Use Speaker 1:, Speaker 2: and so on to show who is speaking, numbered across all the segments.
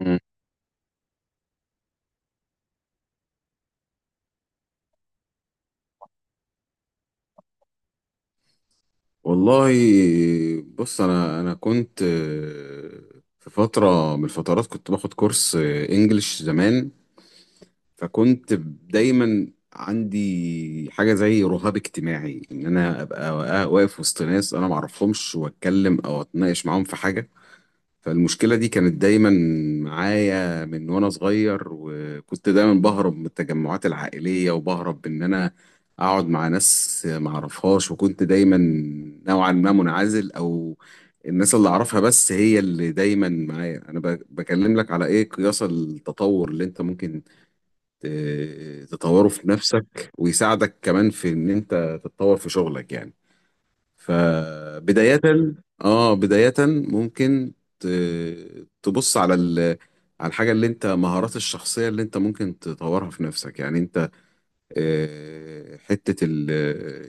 Speaker 1: مم. والله، بص. انا كنت في فتره من الفترات كنت باخد كورس انجليش زمان. فكنت دايما عندي حاجه زي رهاب اجتماعي، ان انا ابقى واقف وسط ناس انا ما اعرفهمش واتكلم او اتناقش معاهم في حاجه. فالمشكلة دي كانت دايما معايا من وانا صغير، وكنت دايما بهرب من التجمعات العائلية وبهرب ان انا اقعد مع ناس معرفهاش، وكنت دايما نوعا ما منعزل، او الناس اللي اعرفها بس هي اللي دايما معايا. انا بكلم لك على ايه؟ قياس التطور اللي انت ممكن تطوره في نفسك ويساعدك كمان في ان انت تتطور في شغلك يعني. فبداية اه بداية ممكن ت- تبص على على الحاجة اللي انت، مهارات الشخصية اللي انت ممكن تطورها في نفسك. يعني انت حتة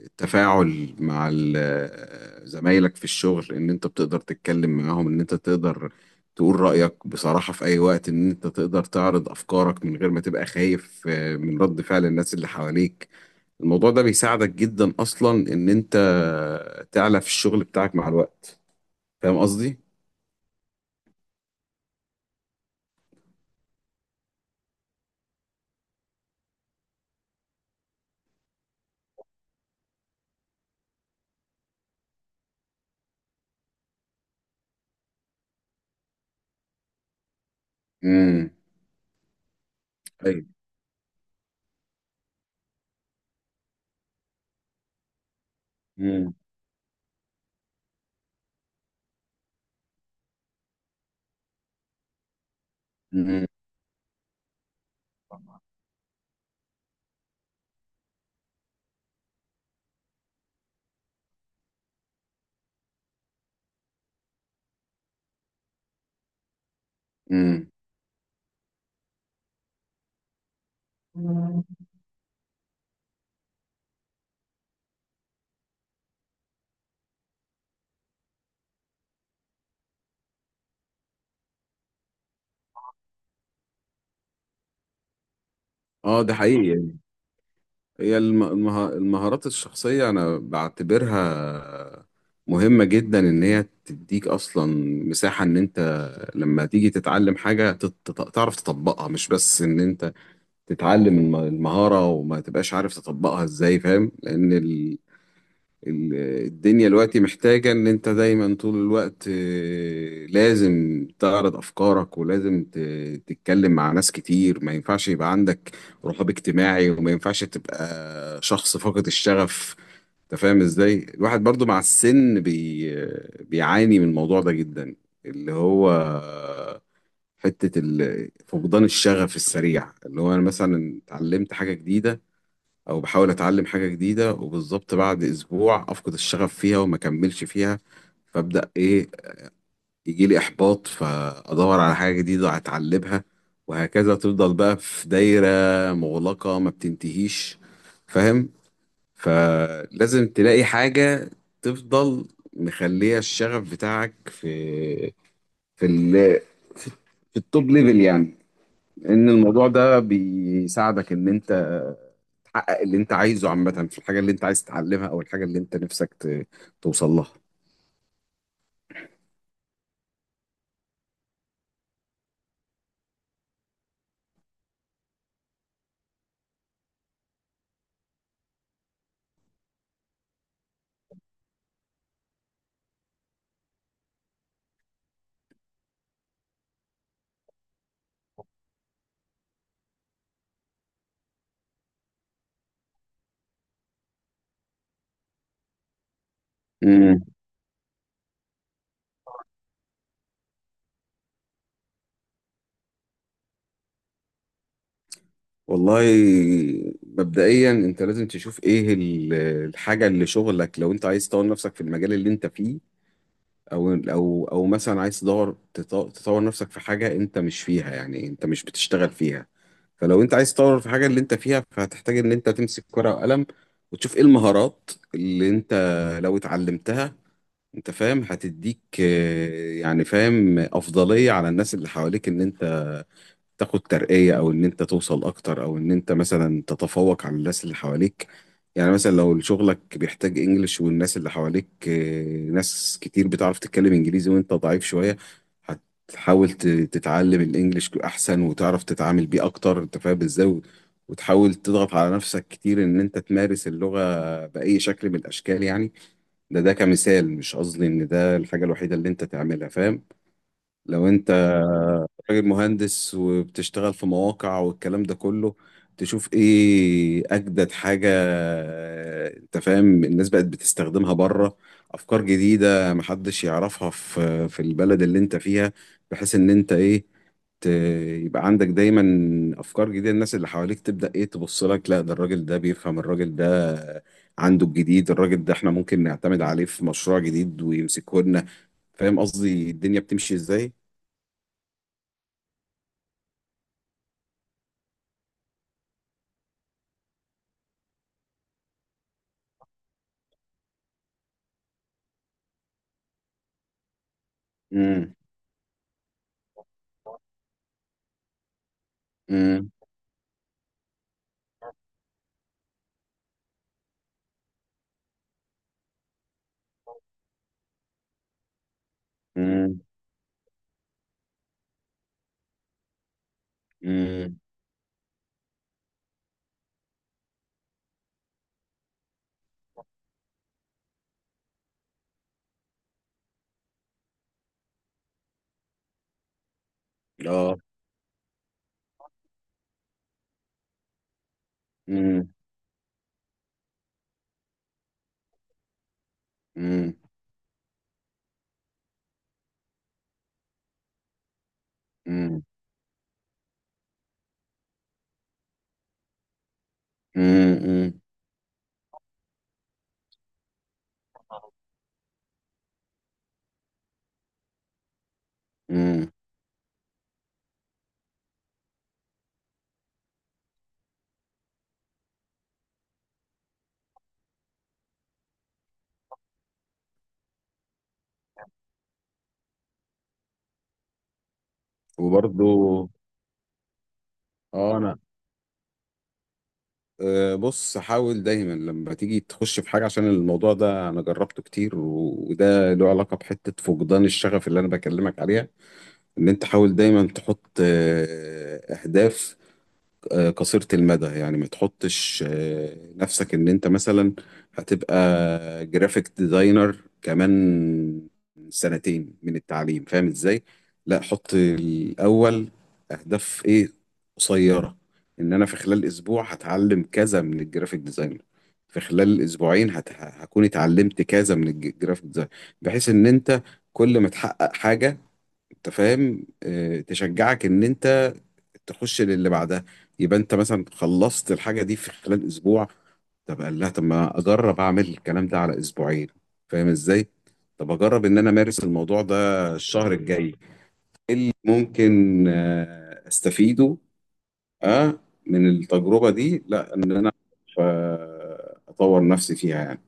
Speaker 1: التفاعل مع زمايلك في الشغل، ان انت بتقدر تتكلم معاهم، ان انت تقدر تقول رأيك بصراحة في اي وقت، ان انت تقدر تعرض افكارك من غير ما تبقى خايف من رد فعل الناس اللي حواليك. الموضوع ده بيساعدك جدا اصلا ان انت تعلى في الشغل بتاعك مع الوقت. فاهم قصدي؟ امم. ايوه. امم. امم. اه، ده حقيقي. هي المهارات الشخصية أنا بعتبرها مهمة جدا، إن هي تديك أصلا مساحة إن أنت لما تيجي تتعلم حاجة تعرف تطبقها، مش بس إن أنت تتعلم المهارة وما تبقاش عارف تطبقها إزاي، فاهم؟ لأن ال- الدنيا دلوقتي محتاجة إن أنت دايما طول الوقت لازم تعرض أفكارك، ولازم تتكلم مع ناس كتير. ما ينفعش يبقى عندك رهاب اجتماعي، وما ينفعش تبقى شخص فاقد الشغف. أنت فاهم إزاي؟ الواحد برضو مع السن بيعاني من الموضوع ده جدا، اللي هو حتة فقدان الشغف السريع. اللي هو أنا مثلا اتعلمت حاجة جديدة، او بحاول اتعلم حاجة جديدة، وبالظبط بعد اسبوع افقد الشغف فيها وما اكملش فيها. فابدا ايه؟ يجي لي احباط، فادور على حاجة جديدة اتعلمها، وهكذا. تفضل بقى في دايرة مغلقة ما بتنتهيش، فاهم؟ فلازم تلاقي حاجة تفضل مخلية الشغف بتاعك في في ال في في التوب ليفل يعني. ان الموضوع ده بيساعدك ان انت تحقق اللي انت عايزه عامة في الحاجة اللي انت عايز تتعلمها، او الحاجة اللي انت نفسك توصل لها. امم. والله، مبدئيا انت لازم تشوف ايه الحاجة اللي شغلك، لو انت عايز تطور نفسك في المجال اللي انت فيه، او مثلا عايز تدور تطور نفسك في حاجه انت مش فيها، يعني انت مش بتشتغل فيها. فلو انت عايز تطور في حاجه اللي انت فيها، فهتحتاج ان انت تمسك ورقه وقلم وتشوف ايه المهارات اللي انت لو اتعلمتها، انت فاهم، هتديك يعني، فاهم، افضليه على الناس اللي حواليك، ان انت تاخد ترقية، او ان انت توصل اكتر، او ان انت مثلا تتفوق على الناس اللي حواليك. يعني مثلا لو شغلك بيحتاج انجليش، والناس اللي حواليك ناس كتير بتعرف تتكلم انجليزي وانت ضعيف شوية، هتحاول تتعلم الانجليش احسن وتعرف تتعامل بيه اكتر. انت فاهم ازاي؟ وتحاول تضغط على نفسك كتير ان انت تمارس اللغة بأي شكل من الاشكال يعني. ده كمثال، مش قصدي ان ده الحاجة الوحيدة اللي انت تعملها، فاهم؟ لو انت راجل مهندس وبتشتغل في مواقع والكلام ده كله، تشوف ايه اجدد حاجة انت فاهم الناس بقت بتستخدمها بره، افكار جديدة محدش يعرفها في البلد اللي انت فيها، بحيث ان انت ايه؟ ت- يبقى عندك دايما افكار جديدة، الناس اللي حواليك تبدأ ايه؟ تبص لك، لا ده الراجل ده بيفهم، الراجل ده عنده الجديد، الراجل ده احنا ممكن نعتمد عليه في مشروع جديد ويمسكه لنا. فاهم قصدي الدنيا بتمشي ازاي؟ امم. امم. امم. امم. اه. امم. امم. امم. امم. امم. وبرضو، اه انا، بص، حاول دايما لما تيجي تخش في حاجه، عشان الموضوع ده انا جربته كتير، و- وده له علاقه بحته فقدان الشغف اللي انا بكلمك عليها. ان انت حاول دايما تحط اهداف قصيرة المدى. يعني ما تحطش نفسك ان انت مثلا هتبقى جرافيك ديزاينر كمان سنتين من التعليم، فاهم ازاي؟ لا، حط الاول اهداف ايه؟ قصيرة. ان انا في خلال اسبوع هتعلم كذا من الجرافيك ديزاينر، في خلال اسبوعين هكون اتعلمت كذا من الجرافيك ديزاينر، بحيث ان انت كل ما تحقق حاجة، انت فاهم، تشجعك ان انت تخش للي بعدها. يبقى انت مثلا خلصت الحاجه دي في خلال اسبوع، طب قال لها طب ما اجرب اعمل الكلام ده على اسبوعين، فاهم ازاي؟ طب اجرب ان انا امارس الموضوع ده الشهر الجاي، ايه اللي ممكن استفيده اه من التجربه دي؟ لا، ان انا اطور نفسي فيها يعني.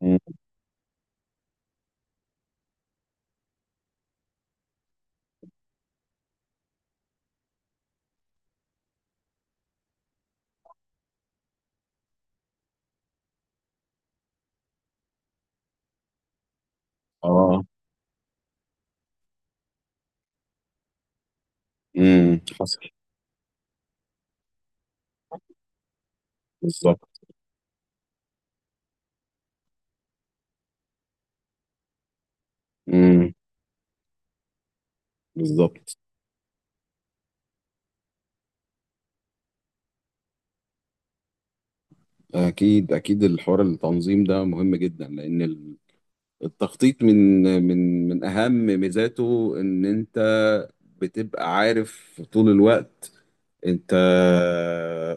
Speaker 1: مم. اه. امم. حصل. بالظبط. امم. بالظبط. أكيد أكيد، الحوار التنظيم ده مهم جدا، لأن التخطيط من أهم ميزاته إن أنت بتبقى عارف طول الوقت أنت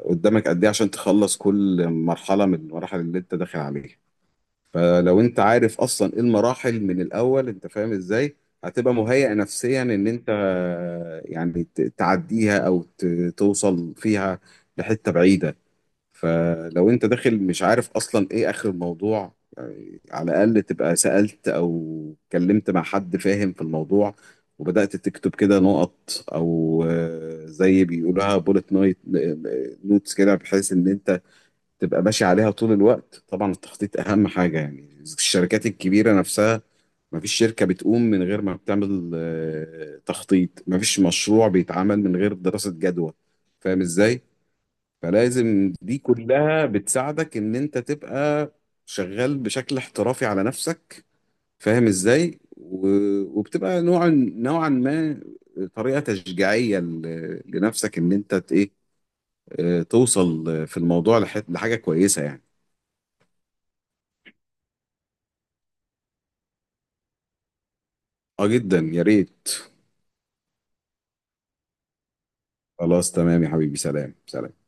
Speaker 1: قدامك قد إيه عشان تخلص كل مرحلة من المراحل اللي أنت داخل عليها. فلو أنت عارف أصلا إيه المراحل من الأول، أنت فاهم إزاي هتبقى مهيئ نفسيا، إن أنت يعني تعديها أو توصل فيها لحتة بعيدة. فلو انت داخل مش عارف اصلا ايه اخر الموضوع، يعني على الاقل تبقى سألت او اتكلمت مع حد فاهم في الموضوع، وبدأت تكتب كده نقط او زي بيقولها، بولت نايت نوتس كده، بحيث ان انت تبقى ماشي عليها طول الوقت. طبعا التخطيط اهم حاجة يعني. الشركات الكبيرة نفسها، مفيش شركة بتقوم من غير ما بتعمل تخطيط، مفيش مشروع بيتعمل من غير دراسة جدوى. فاهم ازاي؟ فلازم دي كلها بتساعدك ان انت تبقى شغال بشكل احترافي على نفسك، فاهم ازاي؟ وبتبقى نوعا ما طريقة تشجيعية لنفسك ان انت ايه توصل في الموضوع لحاجة كويسة يعني. اه، جدا يا ريت. خلاص تمام يا حبيبي، سلام سلام.